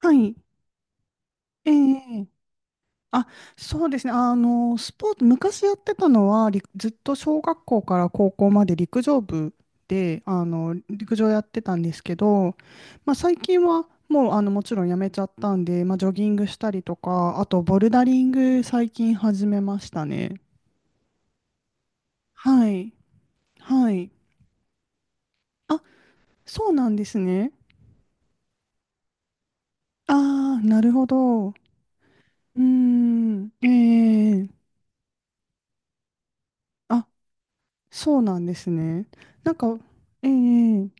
はい。ええあ、そうですね。スポーツ、昔やってたのは、ずっと小学校から高校まで陸上部で、陸上やってたんですけど、まあ、最近はもう、もちろんやめちゃったんで、まあ、ジョギングしたりとか、あと、ボルダリング最近始めましたね。はい。はい。あ、そうなんですね。ああ、なるほど。うーん。えあ、そうなんですね。なんか、ええ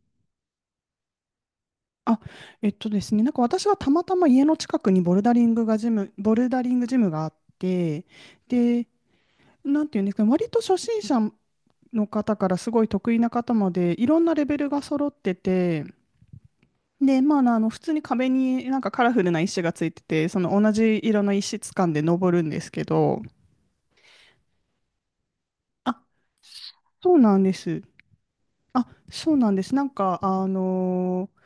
あ、えっとですね、なんか私はたまたま家の近くにボルダリングジムがあって、で、なんていうんですかね、割と初心者の方からすごい得意な方まで、いろんなレベルが揃ってて、で、まあ、普通に壁になんかカラフルな石がついてて、その同じ色の石掴んで登るんですけど、あ、そうなんです。あ、そうなんです。なんか、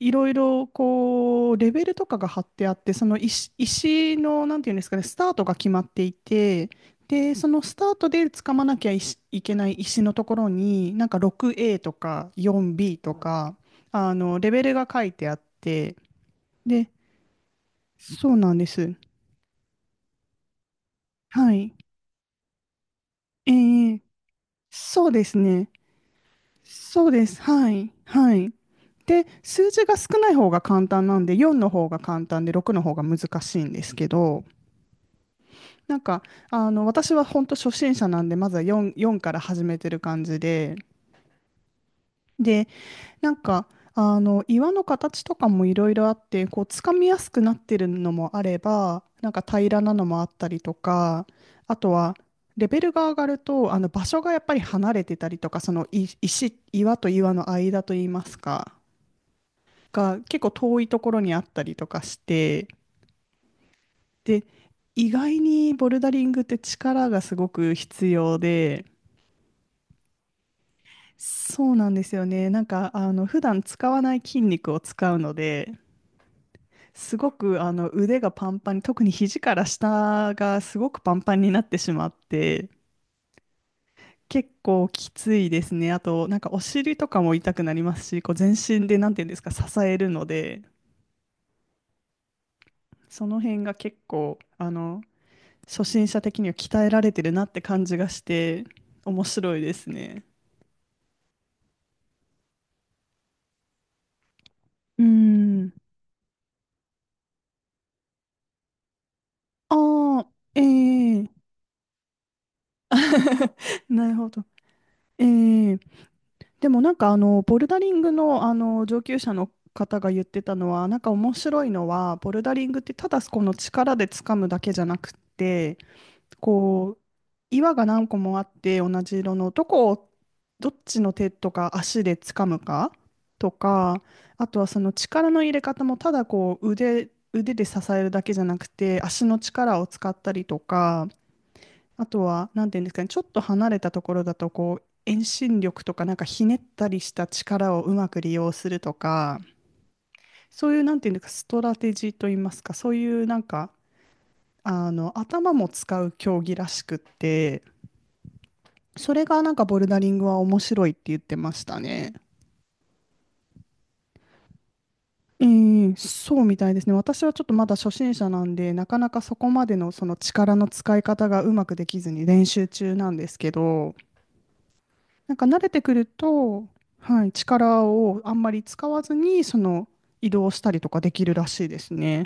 いろいろこうレベルとかが貼ってあって、その石の、なんていうんですかね、スタートが決まっていて、で、そのスタートで掴まなきゃいし、いけない石のところになんか 6A とか 4B とか、レベルが書いてあって、で、そうなんです。はい。えー、そうですね。そうです。はいはい。で、数字が少ない方が簡単なんで、4の方が簡単で6の方が難しいんですけど、なんか、私は本当初心者なんで、まずは4から始めてる感じで、で、なんか、岩の形とかもいろいろあって、こう、つかみやすくなってるのもあれば、なんか平らなのもあったりとか、あとは、レベルが上がると、場所がやっぱり離れてたりとか、その岩と岩の間といいますか、が結構遠いところにあったりとかして、で、意外にボルダリングって力がすごく必要で、そうなんですよね。なんか、普段使わない筋肉を使うので、すごく腕がパンパンに、特に肘から下がすごくパンパンになってしまって、結構きついですね。あと、なんかお尻とかも痛くなりますし、こう全身で、なんていうんですか、支えるので、その辺が結構、初心者的には鍛えられてるなって感じがして、面白いですね。うーん。ああ、ええ。 なるほど。ええ。でも、なんかボルダリングの、上級者の方が言ってたのは、なんか面白いのは、ボルダリングってただこの力で掴むだけじゃなくって、こう岩が何個もあって、同じ色のどこを、どっちの手とか足で掴むかとか、あとはその力の入れ方も、ただこう腕で支えるだけじゃなくて、足の力を使ったりとか、あとは、なんていうんですかね、ちょっと離れたところだと、こう、遠心力とか、なんかひねったりした力をうまく利用するとか、そういう、なんていうんですか、ストラテジーといいますか、そういう、なんか、頭も使う競技らしくって、それがなんかボルダリングは面白いって言ってましたね。ええ、そうみたいですね。私はちょっとまだ初心者なんで、なかなかそこまでのその力の使い方がうまくできずに練習中なんですけど、なんか慣れてくると、はい、力をあんまり使わずに、その移動したりとかできるらしいですね。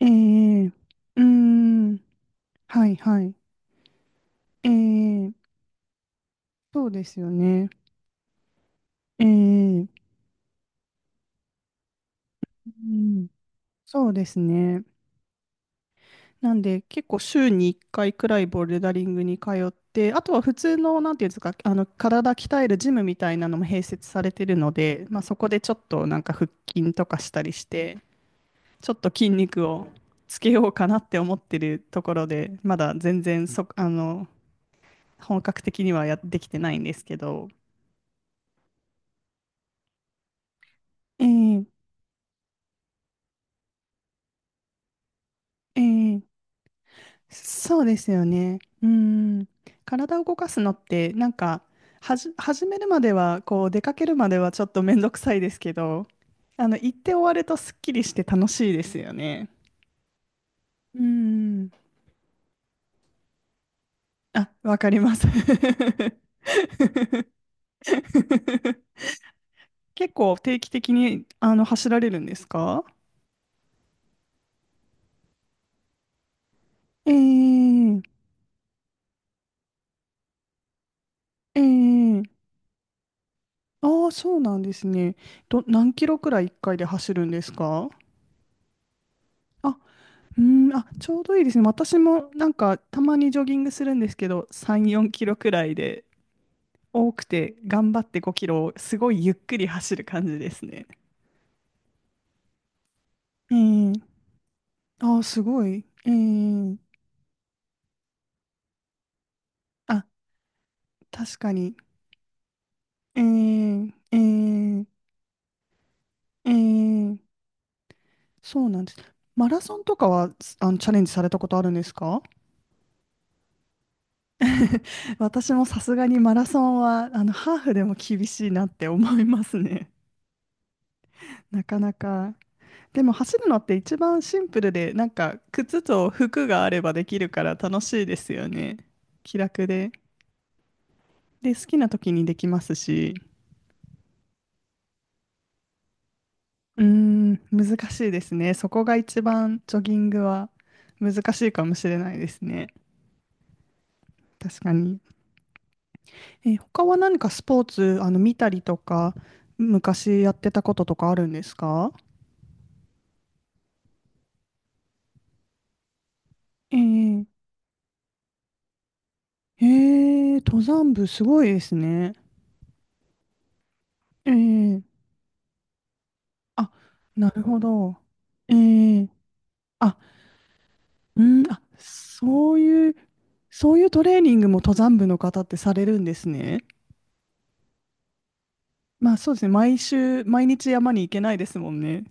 ええ、うーん、はいはい。ええ、そうですよね。ええ、うん、そうですね。なんで、結構週に1回くらいボルダリングに通って、あとは普通の、なんていうんですか、体鍛えるジムみたいなのも併設されてるので、まあ、そこでちょっとなんか腹筋とかしたりして、ちょっと筋肉をつけようかなって思ってるところで、まだ全然そ、あの、本格的にはやってきてないんですけど。ええええ、そうですよね。うん。体を動かすのって、なんか、始めるまでは、こう、出かけるまではちょっとめんどくさいですけど、行って終わるとすっきりして楽しいですよね。うん。あ、わかります。結構定期的に走られるんですか？ええええ、ああー、そうなんですね。何キロくらい1回で走るんですか？あ、うん、あ、ちょうどいいですね。私もなんかたまにジョギングするんですけど、3、4キロくらいで、多くて頑張って5キロをすごいゆっくり走る感じですね。ええ、ああー、すごい。ええ、あ、確かに。ええええええ、そうなんです。マラソンとかは、チャレンジされたことあるんですか？ 私もさすがにマラソンは、ハーフでも厳しいなって思いますね。なかなか。でも走るのって一番シンプルで、なんか靴と服があればできるから楽しいですよね。気楽で。で、好きな時にできますし。うーん、難しいですね。そこが一番ジョギングは難しいかもしれないですね。確かに。他は何かスポーツ、見たりとか、昔やってたこととかあるんですか？ええええ、登山部すごいですね。ええ、あ、なるほど。ええ、あ、うん、あ、そういうトレーニングも登山部の方ってされるんですね。まあそうですね、毎週、毎日山に行けないですもんね。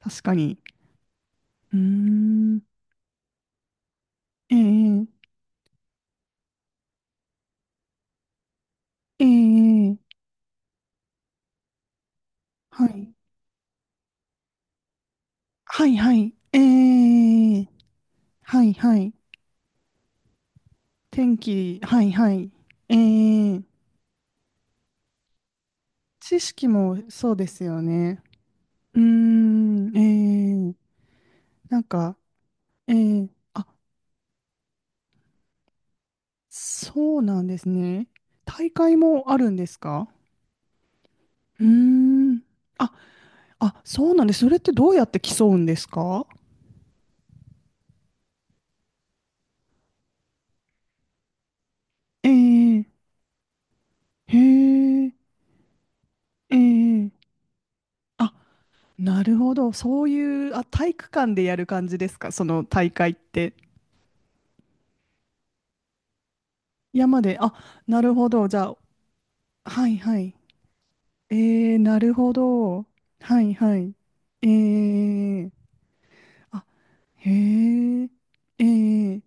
確かに。うーん、ええええ、はい。はい、はい、ええ、はいはい。天気、はいはい。えー、知識もそうですよね。うーん、なんか、あ、そうなんですね。大会もあるんですか？うーん。あ、あ、そうなんです。それってどうやって競うんですか？えー、へー、えー、あ、なるほど。そういう、あ、体育館でやる感じですか、その大会って？山で、あ、なるほど。じゃあ、はいはい。ええ、なるほど。はいはい。ええ、あ、へえ、ええ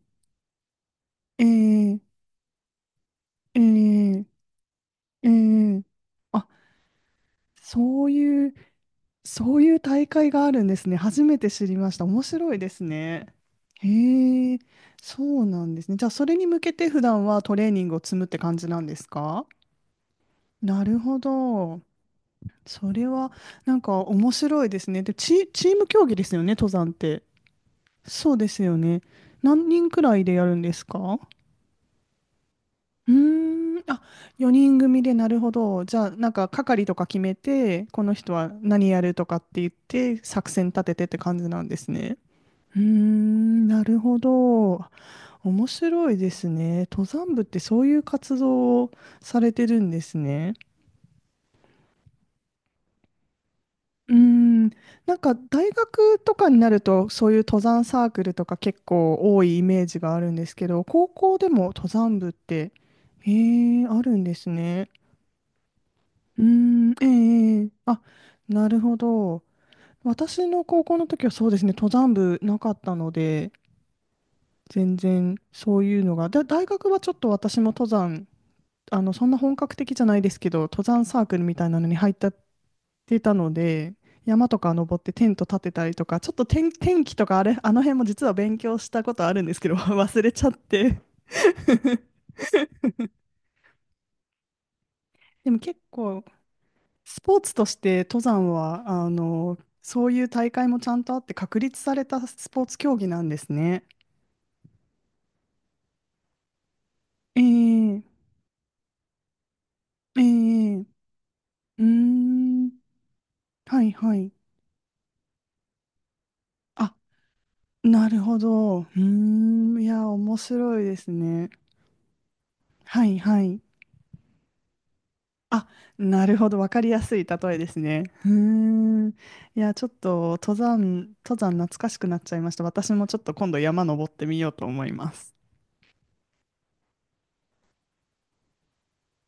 ええええええ、あ、そういう、大会があるんですね。初めて知りました。面白いですね。へえ、そうなんですね。じゃあ、それに向けて普段はトレーニングを積むって感じなんですか？なるほど。それは、なんか面白いですね。で、チーム競技ですよね、登山って。そうですよね。何人くらいでやるんですか？うーん、あ、4人組で、なるほど。じゃあ、なんか係とか決めて、この人は何やるとかって言って、作戦立ててって感じなんですね。うーん、なるほど。面白いですね。登山部ってそういう活動をされてるんですね。うーん、なんか大学とかになるとそういう登山サークルとか結構多いイメージがあるんですけど、高校でも登山部って、へえ、あるんですね。うーん、ええええ、あ、なるほど。私の高校の時はそうですね、登山部なかったので、全然そういうのが、大学はちょっと私も登山、そんな本格的じゃないですけど、登山サークルみたいなのに入ったってたので、山とか登ってテント立てたりとか、ちょっと天気とか、あの辺も実は勉強したことあるんですけど、忘れちゃって。でも結構、スポーツとして登山は、そういう大会もちゃんとあって確立されたスポーツ競技なんですね。ええええ、うーん、はいはい。あ、なるほど。うーん、いや、面白いですね。はいはい。あ、なるほど。わかりやすい例えですね。うーん。いや、ちょっと登山懐かしくなっちゃいました。私もちょっと今度山登ってみようと思います。